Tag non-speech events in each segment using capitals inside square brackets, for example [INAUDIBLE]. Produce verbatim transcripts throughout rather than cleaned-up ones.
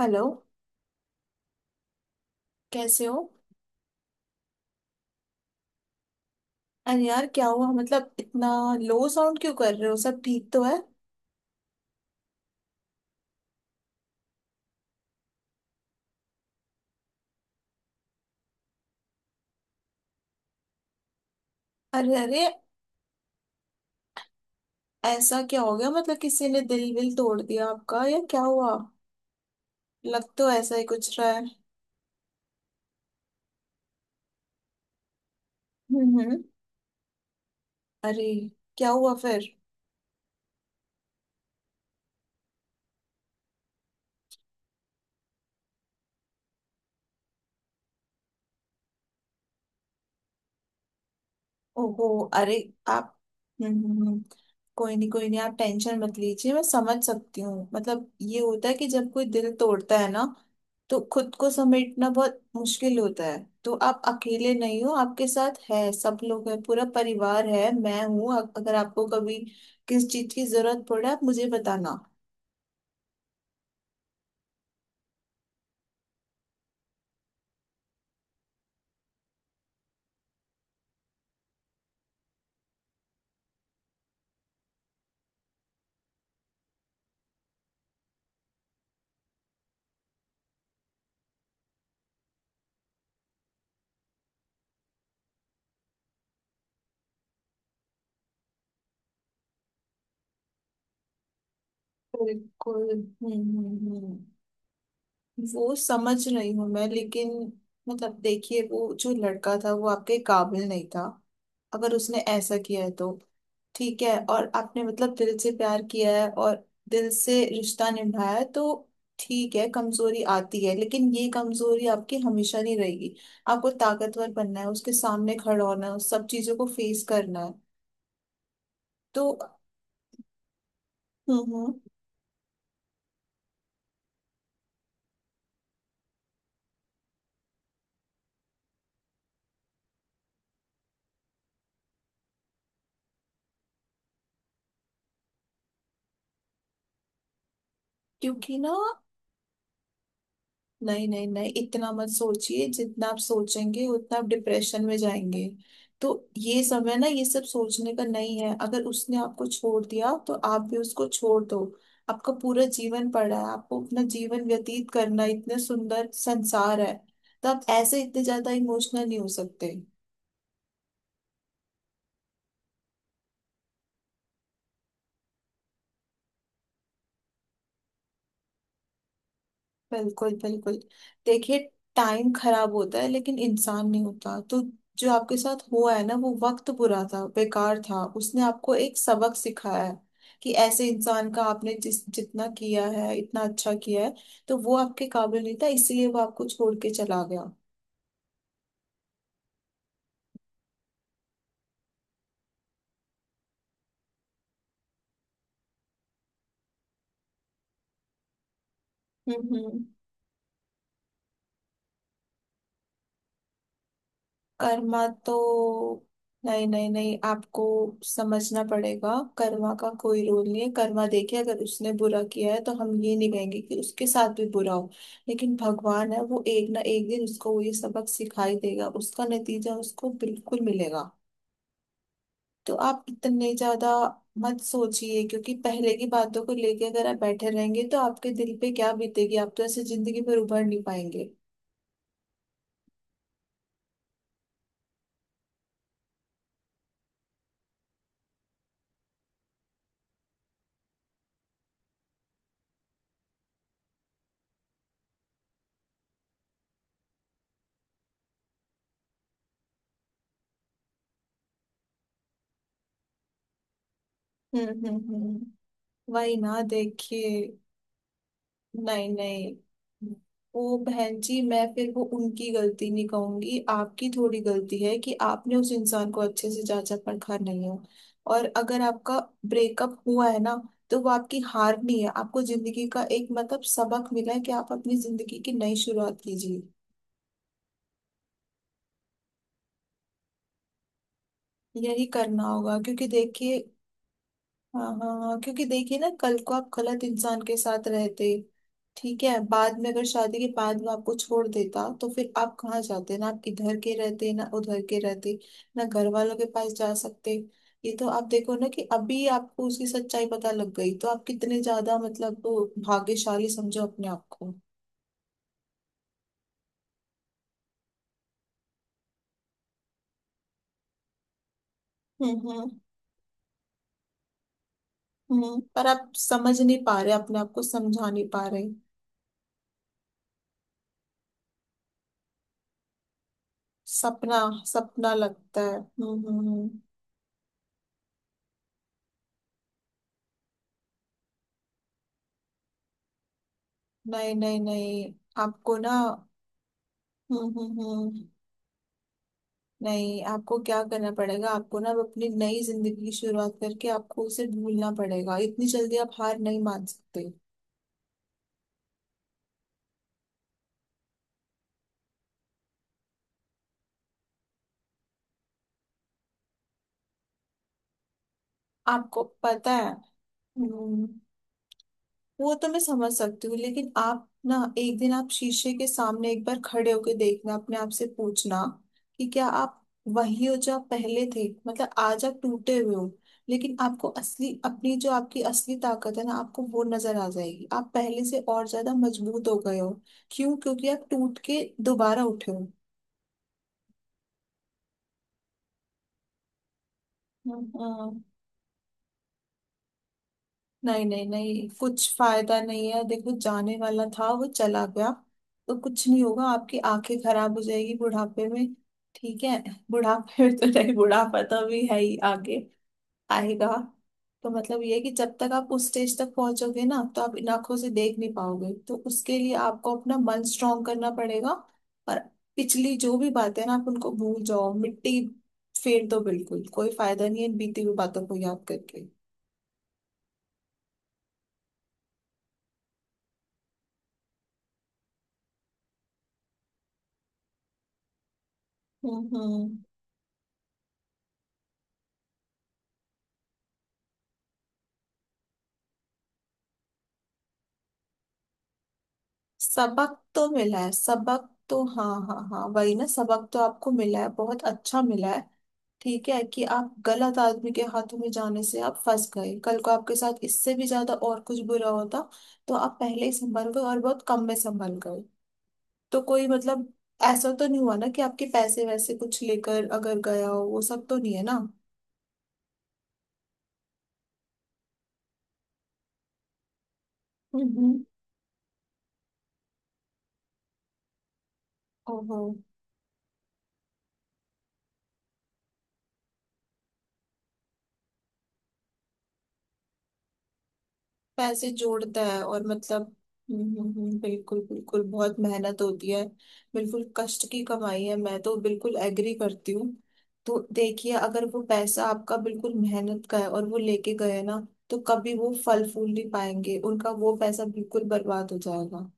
Hello. कैसे हो? अरे यार, क्या हुआ? मतलब इतना लो साउंड क्यों कर रहे हो? सब ठीक तो है? अरे अरे, ऐसा क्या हो गया? मतलब किसी ने दिल विल तोड़ दिया आपका, या क्या हुआ? लग तो ऐसा ही कुछ रहा है। हम्म हम्म अरे, क्या हुआ फिर? ओहो। अरे, आप। हम्म हम्म, हम्म, कोई नहीं कोई नहीं आप टेंशन मत लीजिए। मैं समझ सकती हूँ। मतलब ये होता है कि जब कोई दिल तोड़ता है ना, तो खुद को समेटना बहुत मुश्किल होता है। तो आप अकेले नहीं हो, आपके साथ है सब लोग हैं, पूरा परिवार है, मैं हूँ। अ- अगर आपको कभी किस चीज की जरूरत पड़े, आप मुझे बताना। बिल्कुल। हम्म हम्म हम्म। वो समझ रही हूँ मैं, लेकिन मतलब देखिए, वो जो लड़का था वो आपके काबिल नहीं था। अगर उसने ऐसा किया है तो ठीक है, और आपने मतलब दिल से प्यार किया है और दिल से रिश्ता निभाया है तो ठीक है। कमजोरी आती है, लेकिन ये कमजोरी आपकी हमेशा नहीं रहेगी। आपको ताकतवर बनना है, उसके सामने खड़ा होना है, उस सब चीजों को फेस करना है तो। हम्म हम्म, क्योंकि ना, नहीं नहीं नहीं इतना मत सोचिए। जितना आप सोचेंगे उतना आप डिप्रेशन में जाएंगे। तो ये समय ना, ये सब सोचने का नहीं है। अगर उसने आपको छोड़ दिया तो आप भी उसको छोड़ दो। आपका पूरा जीवन पड़ा है, आपको अपना जीवन व्यतीत करना है, इतने सुंदर संसार है। तो आप ऐसे इतने ज्यादा इमोशनल नहीं हो सकते। बिल्कुल बिल्कुल। देखिए, टाइम खराब होता है लेकिन इंसान नहीं होता। तो जो आपके साथ हुआ है ना, वो वक्त बुरा था, बेकार था, उसने आपको एक सबक सिखाया है कि ऐसे इंसान का आपने जिस जितना किया है, इतना अच्छा किया है, तो वो आपके काबिल नहीं था, इसलिए वो आपको छोड़ के चला गया। हम्म हम्म कर्मा तो, नहीं नहीं नहीं आपको समझना पड़ेगा। कर्मा का कोई रोल नहीं है। कर्मा देखिए, अगर उसने बुरा किया है तो हम ये नहीं कहेंगे कि उसके साथ भी बुरा हो, लेकिन भगवान है, वो एक ना एक दिन उसको वो ये सबक सिखाई देगा, उसका नतीजा उसको बिल्कुल मिलेगा। तो आप इतने ज्यादा मत सोचिए, क्योंकि पहले की बातों को लेके अगर आप बैठे रहेंगे तो आपके दिल पे क्या बीतेगी, आप तो ऐसे जिंदगी में उभर नहीं पाएंगे। हम्म हम्म हम्म वही ना, देखिए। नहीं नहीं वो बहन जी, मैं फिर वो उनकी गलती नहीं कहूंगी, आपकी थोड़ी गलती है कि आपने उस इंसान को अच्छे से जांचा परखा नहीं है। और अगर आपका ब्रेकअप हुआ है ना, तो वो आपकी हार नहीं है, आपको जिंदगी का एक मतलब सबक मिला है कि आप अपनी जिंदगी की नई शुरुआत कीजिए। यही करना होगा क्योंकि देखिए, हाँ हाँ हाँ, क्योंकि देखिए ना, कल को आप गलत इंसान के साथ रहते, ठीक है, बाद में अगर शादी के बाद वो आपको छोड़ देता तो फिर आप कहाँ जाते? ना आप इधर के रहते ना उधर के रहते, ना घर वालों के पास जा सकते। ये तो आप देखो ना कि अभी आपको उसकी सच्चाई पता लग गई, तो आप कितने ज्यादा मतलब भाग्यशाली समझो अपने आप को। हम्म हम्म हम्म पर आप समझ नहीं पा रहे, अपने आप को समझा नहीं पा रहे। सपना, सपना लगता है। हम्म हम्म हम्म। नहीं नहीं नहीं आपको ना, हम्म हम्म हम्म नहीं, आपको क्या करना पड़ेगा, आपको ना अब अपनी नई जिंदगी की शुरुआत करके आपको उसे भूलना पड़ेगा। इतनी जल्दी आप हार नहीं मान सकते। आपको पता है। हम्म। वो तो मैं समझ सकती हूँ, लेकिन आप ना एक दिन आप शीशे के सामने एक बार खड़े होके देखना, अपने आप से पूछना कि क्या आप वही हो जो आप पहले थे? मतलब आज आप टूटे हुए हो, लेकिन आपको असली अपनी जो आपकी असली ताकत है ना, आपको वो नजर आ जाएगी। आप पहले से और ज्यादा मजबूत हो गए हो। क्यों? क्योंकि आप टूट के दोबारा उठे हो। हाँ, नहीं नहीं नहीं कुछ फायदा नहीं है। देखो, जाने वाला था वो चला गया, तो कुछ नहीं होगा। आपकी आंखें खराब हो जाएगी बुढ़ापे में। ठीक है, बुढ़ापे में तो नहीं, बुढ़ापा तो अभी है ही, आगे आएगा। तो मतलब ये है कि जब तक आप उस स्टेज तक पहुंचोगे ना, तो आप इन आंखों से देख नहीं पाओगे। तो उसके लिए आपको अपना मन स्ट्रांग करना पड़ेगा। और पिछली जो भी बातें ना, आप उनको भूल जाओ, मिट्टी फेर दो। बिल्कुल कोई फायदा नहीं है इन बीती हुई बातों को याद करके। हम्म हम्म सबक तो मिला है, सबक तो, हाँ हाँ हाँ, वही ना, सबक तो आपको मिला है, बहुत अच्छा मिला है। ठीक है कि आप गलत आदमी के हाथों में जाने से आप फंस गए, कल को आपके साथ इससे भी ज्यादा और कुछ बुरा होता, तो आप पहले ही संभल गए और बहुत कम में संभल गए। तो कोई मतलब ऐसा तो नहीं हुआ ना कि आपके पैसे वैसे कुछ लेकर अगर गया हो, वो सब तो नहीं है ना? हम्म। ओहो। पैसे जोड़ता है और मतलब, हम्म, हम्म, हम्म, बिल्कुल बिल्कुल, बहुत मेहनत होती है, बिल्कुल कष्ट की कमाई है, मैं तो बिल्कुल एग्री करती हूँ। तो देखिए, अगर वो पैसा आपका बिल्कुल मेहनत का है और वो लेके गए ना, तो कभी वो फल फूल नहीं पाएंगे, उनका वो पैसा बिल्कुल बर्बाद हो जाएगा।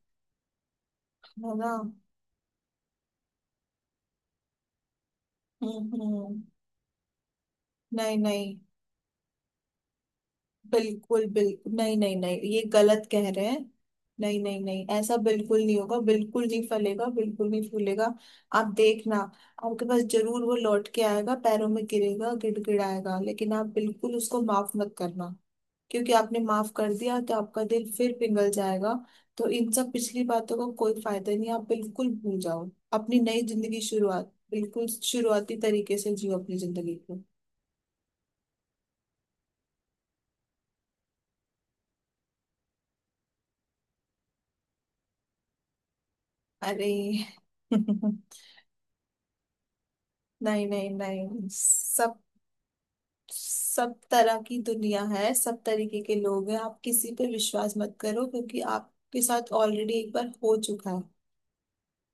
है ना। हम्म हम्म नहीं नहीं, बिल्कुल बिल्कुल, नहीं नहीं नहीं ये गलत कह रहे हैं। नहीं नहीं नहीं ऐसा बिल्कुल नहीं होगा, बिल्कुल नहीं फलेगा, बिल्कुल नहीं फूलेगा। आप देखना, आपके पास जरूर वो लौट के आएगा, पैरों में गिरेगा, गिड़गिड़ाएगा, लेकिन आप बिल्कुल उसको माफ मत करना, क्योंकि आपने माफ कर दिया तो आपका दिल फिर पिघल जाएगा। तो इन सब पिछली बातों का कोई फायदा नहीं, आप बिल्कुल भूल जाओ। अपनी नई जिंदगी शुरुआत बिल्कुल शुरुआती तरीके से जियो अपनी जिंदगी को। अरे [LAUGHS] नहीं नहीं नहीं सब सब तरह की दुनिया है, सब तरीके के लोग हैं। आप किसी पे विश्वास मत करो, क्योंकि आपके साथ ऑलरेडी एक बार हो चुका है।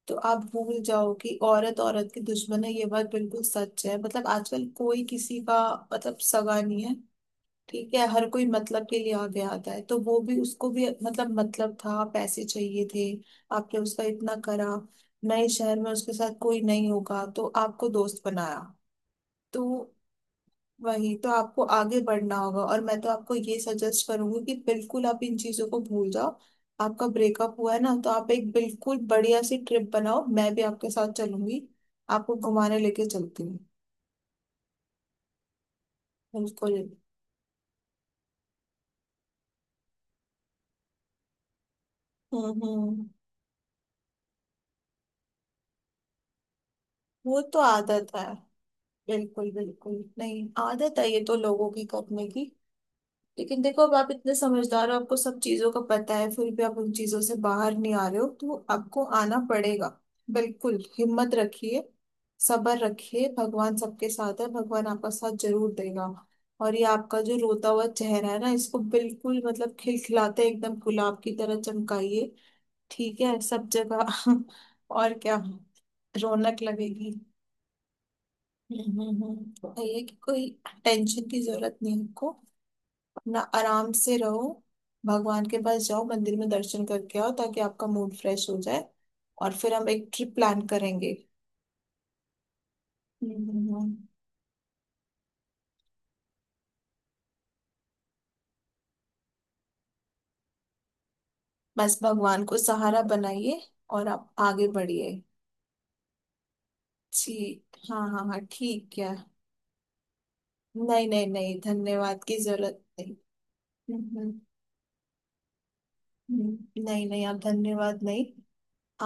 तो आप भूल जाओ कि औरत औरत की दुश्मन है, ये बात बिल्कुल सच है। मतलब आजकल कोई किसी का मतलब सगा नहीं है। ठीक है, हर कोई मतलब के लिए आगे आता है। तो वो भी, उसको भी मतलब, मतलब था, पैसे चाहिए थे। आपने उसका इतना करा, नए शहर में उसके साथ कोई नहीं होगा तो आपको दोस्त बनाया। तो वही तो, आपको आगे बढ़ना होगा। और मैं तो आपको ये सजेस्ट करूंगी कि बिल्कुल आप इन चीजों को भूल जाओ। आपका ब्रेकअप हुआ है ना, तो आप एक बिल्कुल बढ़िया सी ट्रिप बनाओ, मैं भी आपके साथ चलूंगी, आपको घुमाने लेके चलती हूँ। बिल्कुल। हम्म हम्म वो तो आदत है, बिल्कुल बिल्कुल, नहीं आदत है ये तो लोगों की करने की। लेकिन देखो, अब आप इतने समझदार हो, आपको सब चीजों का पता है, फिर भी आप उन चीजों से बाहर नहीं आ रहे हो, तो आपको आना पड़ेगा। बिल्कुल हिम्मत रखिए, सब्र रखिए, भगवान सबके साथ है, भगवान आपका साथ जरूर देगा। और ये आपका जो रोता हुआ चेहरा है ना, इसको बिल्कुल मतलब खिलखिलाते एकदम गुलाब की तरह चमकाइए। ठीक है, सब जगह [LAUGHS] और क्या, रौनक लगेगी। हम्म हम्म हम्म। ये कि कोई टेंशन की जरूरत नहीं है आपको ना, आराम से रहो। भगवान के पास जाओ, मंदिर में दर्शन करके आओ, ताकि आपका मूड फ्रेश हो जाए, और फिर हम एक ट्रिप प्लान करेंगे। हम्म, हम्म, हम्म। बस भगवान को सहारा बनाइए और आप आगे बढ़िए। जी, हाँ हाँ हाँ, ठीक है। नहीं नहीं नहीं धन्यवाद की जरूरत नहीं। हम्म, हम्म, हम्म। नहीं नहीं, आप धन्यवाद नहीं,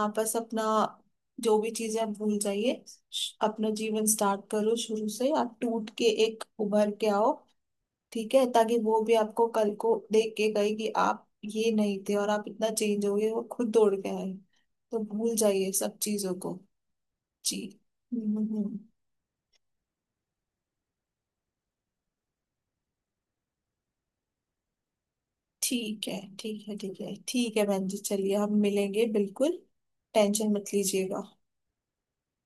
आप बस अपना जो भी चीजें आप भूल जाइए। श- अपना जीवन स्टार्ट करो शुरू से, आप टूट के एक उभर के आओ। ठीक है, ताकि वो भी आपको कल को देख के गई कि आप ये नहीं थे और आप इतना चेंज हो गए, वो खुद दौड़ के आए। तो भूल जाइए सब चीजों को। जी। हम्म हम्म, हम्म। ठीक है, ठीक है ठीक है ठीक है बहन जी, चलिए हम मिलेंगे बिल्कुल। टेंशन मत लीजिएगा।